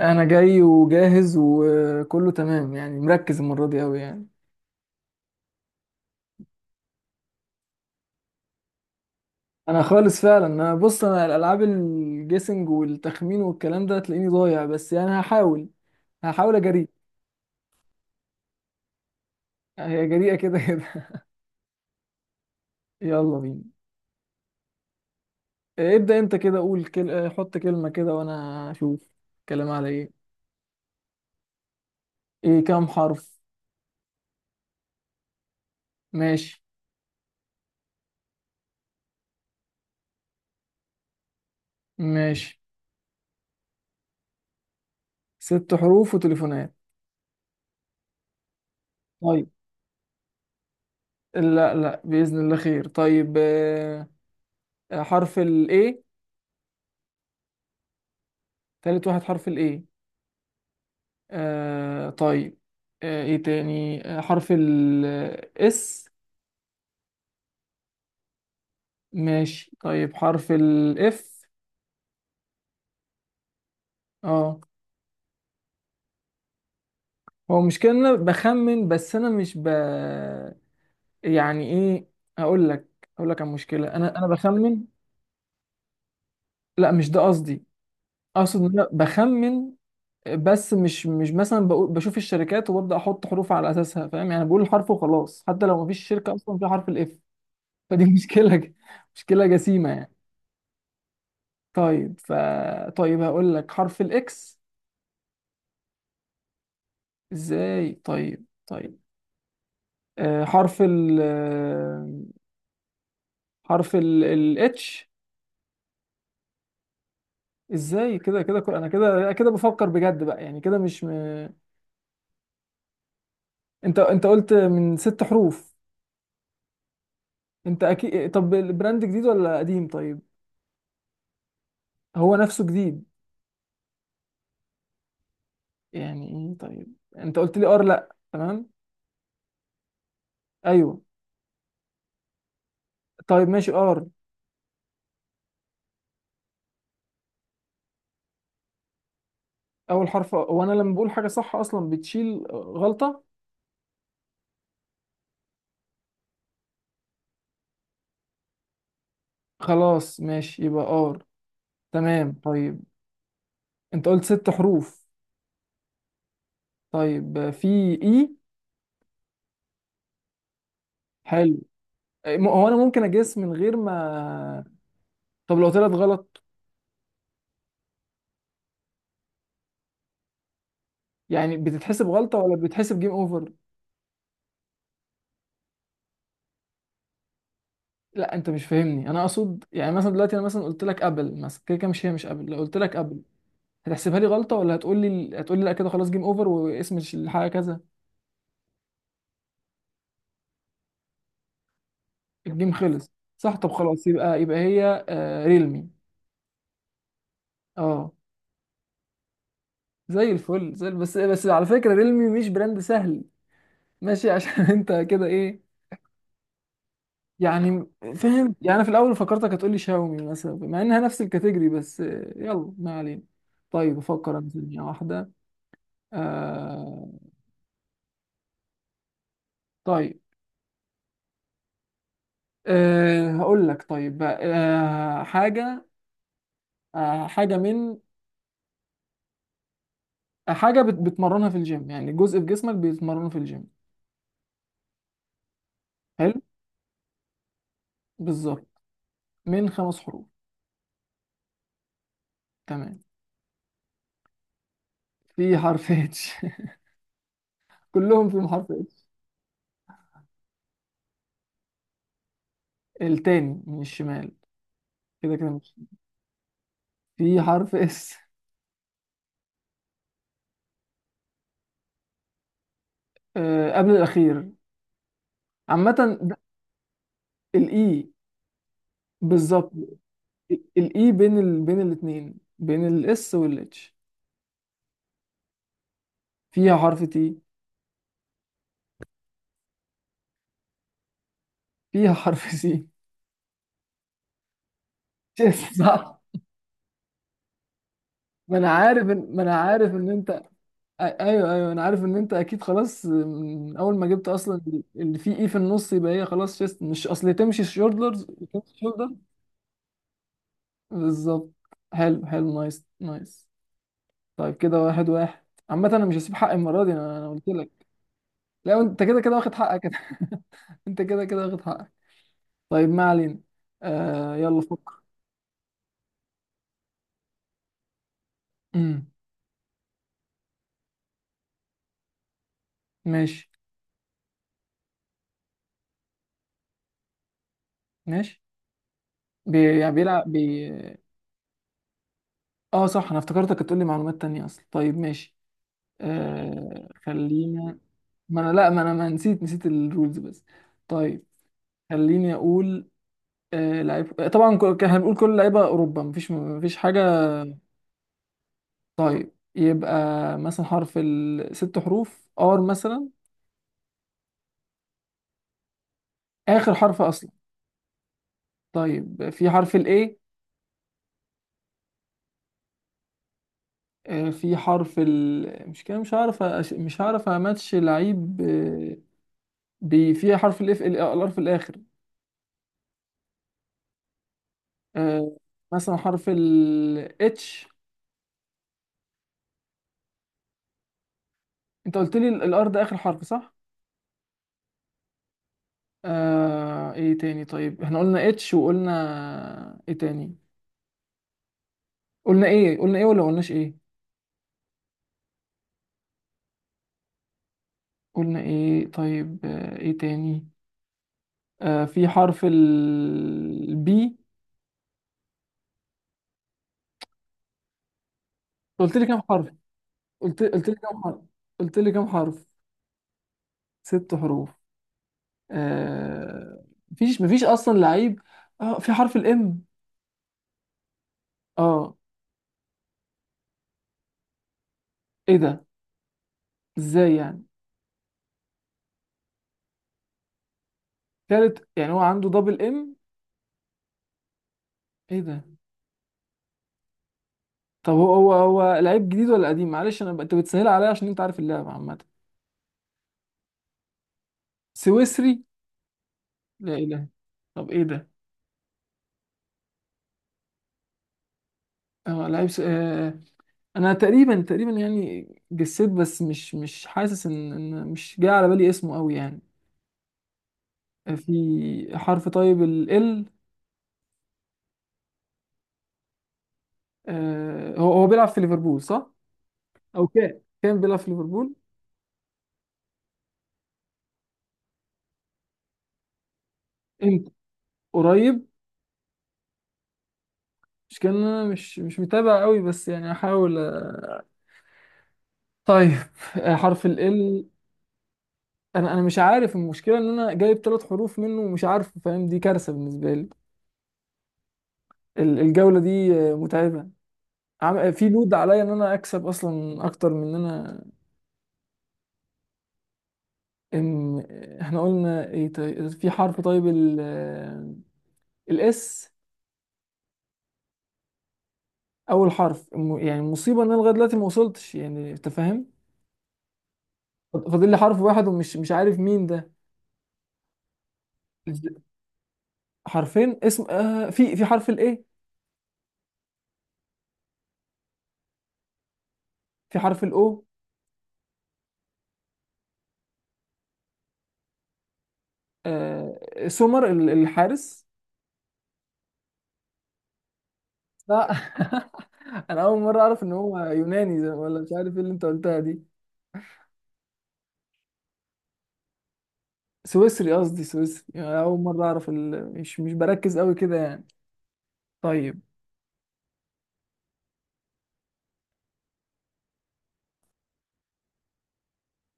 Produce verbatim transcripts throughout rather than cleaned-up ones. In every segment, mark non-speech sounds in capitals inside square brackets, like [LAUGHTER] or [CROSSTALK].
انا جاي وجاهز وكله تمام، يعني مركز المره دي قوي يعني. انا خالص فعلا. انا بص، انا الالعاب الجيسنج والتخمين والكلام ده تلاقيني ضايع، بس يعني هحاول هحاول اجري. هي جريئه كده كده. [LAUGHS] يلا بينا. إيه، ابدا انت كده قول كل... آه، حط كلمه كده وانا اشوف. كلام على ايه؟ ايه كام حرف؟ ماشي. ماشي، ست حروف وتليفونات. طيب، لا لا، باذن الله خير. طيب، آه، حرف الايه؟ تالت واحد، حرف الايه. آه طيب. آه ايه تاني، آه حرف الاس. ماشي، طيب حرف الاف. اه. هو مش كده إن انا بخمن، بس انا مش... ب يعني ايه، اقول لك، اقول لك عن مشكلة. انا انا بخمن. لا، مش ده قصدي، اقصد ان انا بخمن، بس مش مش مثلا بقول بشوف الشركات وببدأ احط حروف على اساسها، فاهم يعني، بقول الحرف وخلاص حتى لو مفيش شركة اصلا فيها حرف الاف. فدي [LAUGHS] مشكلة، مشكلة جسيمة يعني. طيب ف... طيب هقول لك حرف الاكس. ازاي؟ طيب طيب. آه حرف ال آه، حرف ال الاتش. ازاي؟ كده كده، كل... انا كده كده بفكر بجد بقى، يعني كده مش م... انت انت قلت من ست حروف. انت اكيد. طب البراند جديد ولا قديم؟ طيب. هو نفسه جديد. يعني ايه؟ طيب، انت قلت لي ار لا تمام؟ ايوه. طيب ماشي، ار. اول حرف؟ وانا لما بقول حاجة صح اصلا بتشيل غلطة. خلاص ماشي، يبقى ار. تمام طيب. انت قلت ست حروف. طيب، في اي. حلو. م- هو انا ممكن اجس من غير ما... طب لو طلعت غلط، يعني بتتحسب غلطة ولا بتتحسب جيم اوفر؟ لا، انت مش فاهمني. انا اقصد يعني مثلا دلوقتي، انا مثلا قلت لك قبل، مثلا كده كده، مش هي، مش قبل، لو قلت لك قبل هتحسبها لي غلطة، ولا هتقول لي هتقول لي لا كده خلاص جيم اوفر واسم الش- الحاجة كذا؟ الجيم خلص. صح. طب خلاص، يبقى يبقى هي آه ريلمي. اه. زي الفل، زي ال- بس بس على فكرة ريلمي مش براند سهل. ماشي [LAUGHS] عشان انت كده ايه يعني. فاهم يعني، انا في الاول فكرتك هتقولي شاومي مثلا، مع انها نفس الكاتيجوري، بس آه، يلا ما علينا. طيب افكر انا في ثانية واحده. آه. طيب. آه هقول لك طيب بقى، آه حاجه. آه حاجه من... آه، حاجه بت بتمرنها في الجيم، يعني جزء في جسمك بيتمرنه في الجيم. حلو. بالظبط. من خمس حروف. تمام. في حرف اتش [LAUGHS] كلهم فيهم حرف اتش. التاني من الشمال، كده كده مش... في حرف اس. آه، قبل الاخير. عامة. الاي. بالظبط. الاي بين ال... بين الاثنين، بين الاس والاتش. فيها حرف تي. فيها حرف سي. [LAUGHS] صح. ما انا عارف إن... ما انا عارف ان انت... أ- ايوه ايوه، انا عارف ان انت اكيد خلاص من اول ما جبت اصلا. اللي فيه اي في النص يبقى هي خلاص شيست، مش اصل تمشي شولدرز تمشي شولدر. بالظبط. حلو حلو، نايس نايس. طيب، كده واحد واحد. عامة انا مش هسيب حقي المرة دي. انا أنا قلت لك. لا، انت كده كده واخد حقك [LAUGHS] انت كده كده واخد حقك. طيب ما علينا. آه، يلا فكر. امم. ماشي. ماشي. بي... يعني بيلعب بي... اه صح، انا افتكرتك هتقولي معلومات تانية اصلا. طيب ماشي. آه خلينا. ما انا، لا، ما انا ما نسيت نسيت الرولز بس. طيب، خليني اقول. آه لعيب. آه، طبعا كل... كان هنقول كل لعيبة اوروبا، مفيش مفيش حاجة. طيب يبقى، مثلا حرف الست حروف ار مثلا. اخر حرف اصلا. طيب، في حرف الاي. آه، في حرف ال مش كده، مش هعرف أش... مش هعرف اماتش لعيب. آه، بي... في حرف الاف ال... الار في الاخر. آه، مثلا حرف ال اتش. انت قلت لي الار ده اخر حرف صح؟ آه... ايه تاني؟ طيب احنا قلنا اتش وقلنا ايه تاني. قلنا ايه، قلنا ايه ولا قلناش ايه. قلنا ايه. طيب، آه، ايه تاني. آه، في حرف البي. قلت لي كام حرف؟ قلت قلت لي كام حرف؟ قلت لي كام حرف؟ ست حروف. آه. مفيش مفيش اصلا لعيب. اه في حرف الام. اه. ايه ده؟ ازاي يعني؟ تالت يعني، هو عنده دبل ام. ايه ده؟ طب هو هو هو لعيب جديد ولا قديم؟ معلش انا ب- انت بتسهل عليا عشان انت عارف اللعبه عامه. سويسري. لا اله. طب ايه ده. اه لعيب س... آه انا تقريبا تقريبا يعني جسيت، بس مش مش حاسس ان ان مش جاي على بالي اسمه قوي يعني. آه، في حرف طيب ال ال. آه هو هو بيلعب في ليفربول صح؟ او كان كان بيلعب في ليفربول. امتى، قريب؟ مش كان. انا مش مش متابع قوي، بس يعني احاول. طيب، آه، حرف ال ال. انا انا مش عارف. المشكله ان انا جايب ثلاث حروف منه ومش عارف، فاهم؟ دي كارثه بالنسبه لي. ال- الجوله دي آه، متعبه. عم- آه، في لود عليا ان انا اكسب اصلا اكتر من ان انا... ان آه، احنا قلنا ايه؟ طيب في حرف طيب ال الاس. اول حرف. م- يعني مصيبه ان انا لغايه دلوقتي ما وصلتش، يعني انت فاهم. فاضل لي حرف واحد ومش مش عارف مين ده. حرفين اسم. آه في في حرف الايه. في حرف الاو. آه سومر، ال- الحارس. لا [LAUGHS] انا اول مره اعرف ان هو يوناني زي ولا مش عارف ايه اللي انت قلتها دي. سويسري، قصدي سويسري، يعني اول مره اعرف ال... مش مش بركز قوي كده يعني. طيب.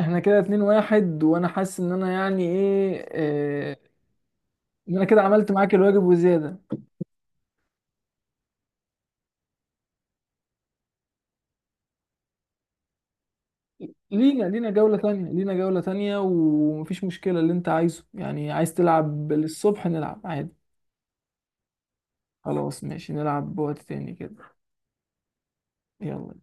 احنا كده اتنين واحد، وانا حاسس ان انا يعني ايه آه، ان انا كده عملت معاك الواجب وزياده. لينا لينا جوله تانية، لينا جوله تانية، ومفيش مشكله. اللي انت عايزه، يعني عايز تلعب للصبح نلعب عادي. خلاص ماشي، نلعب بوقت تاني كده. يلا.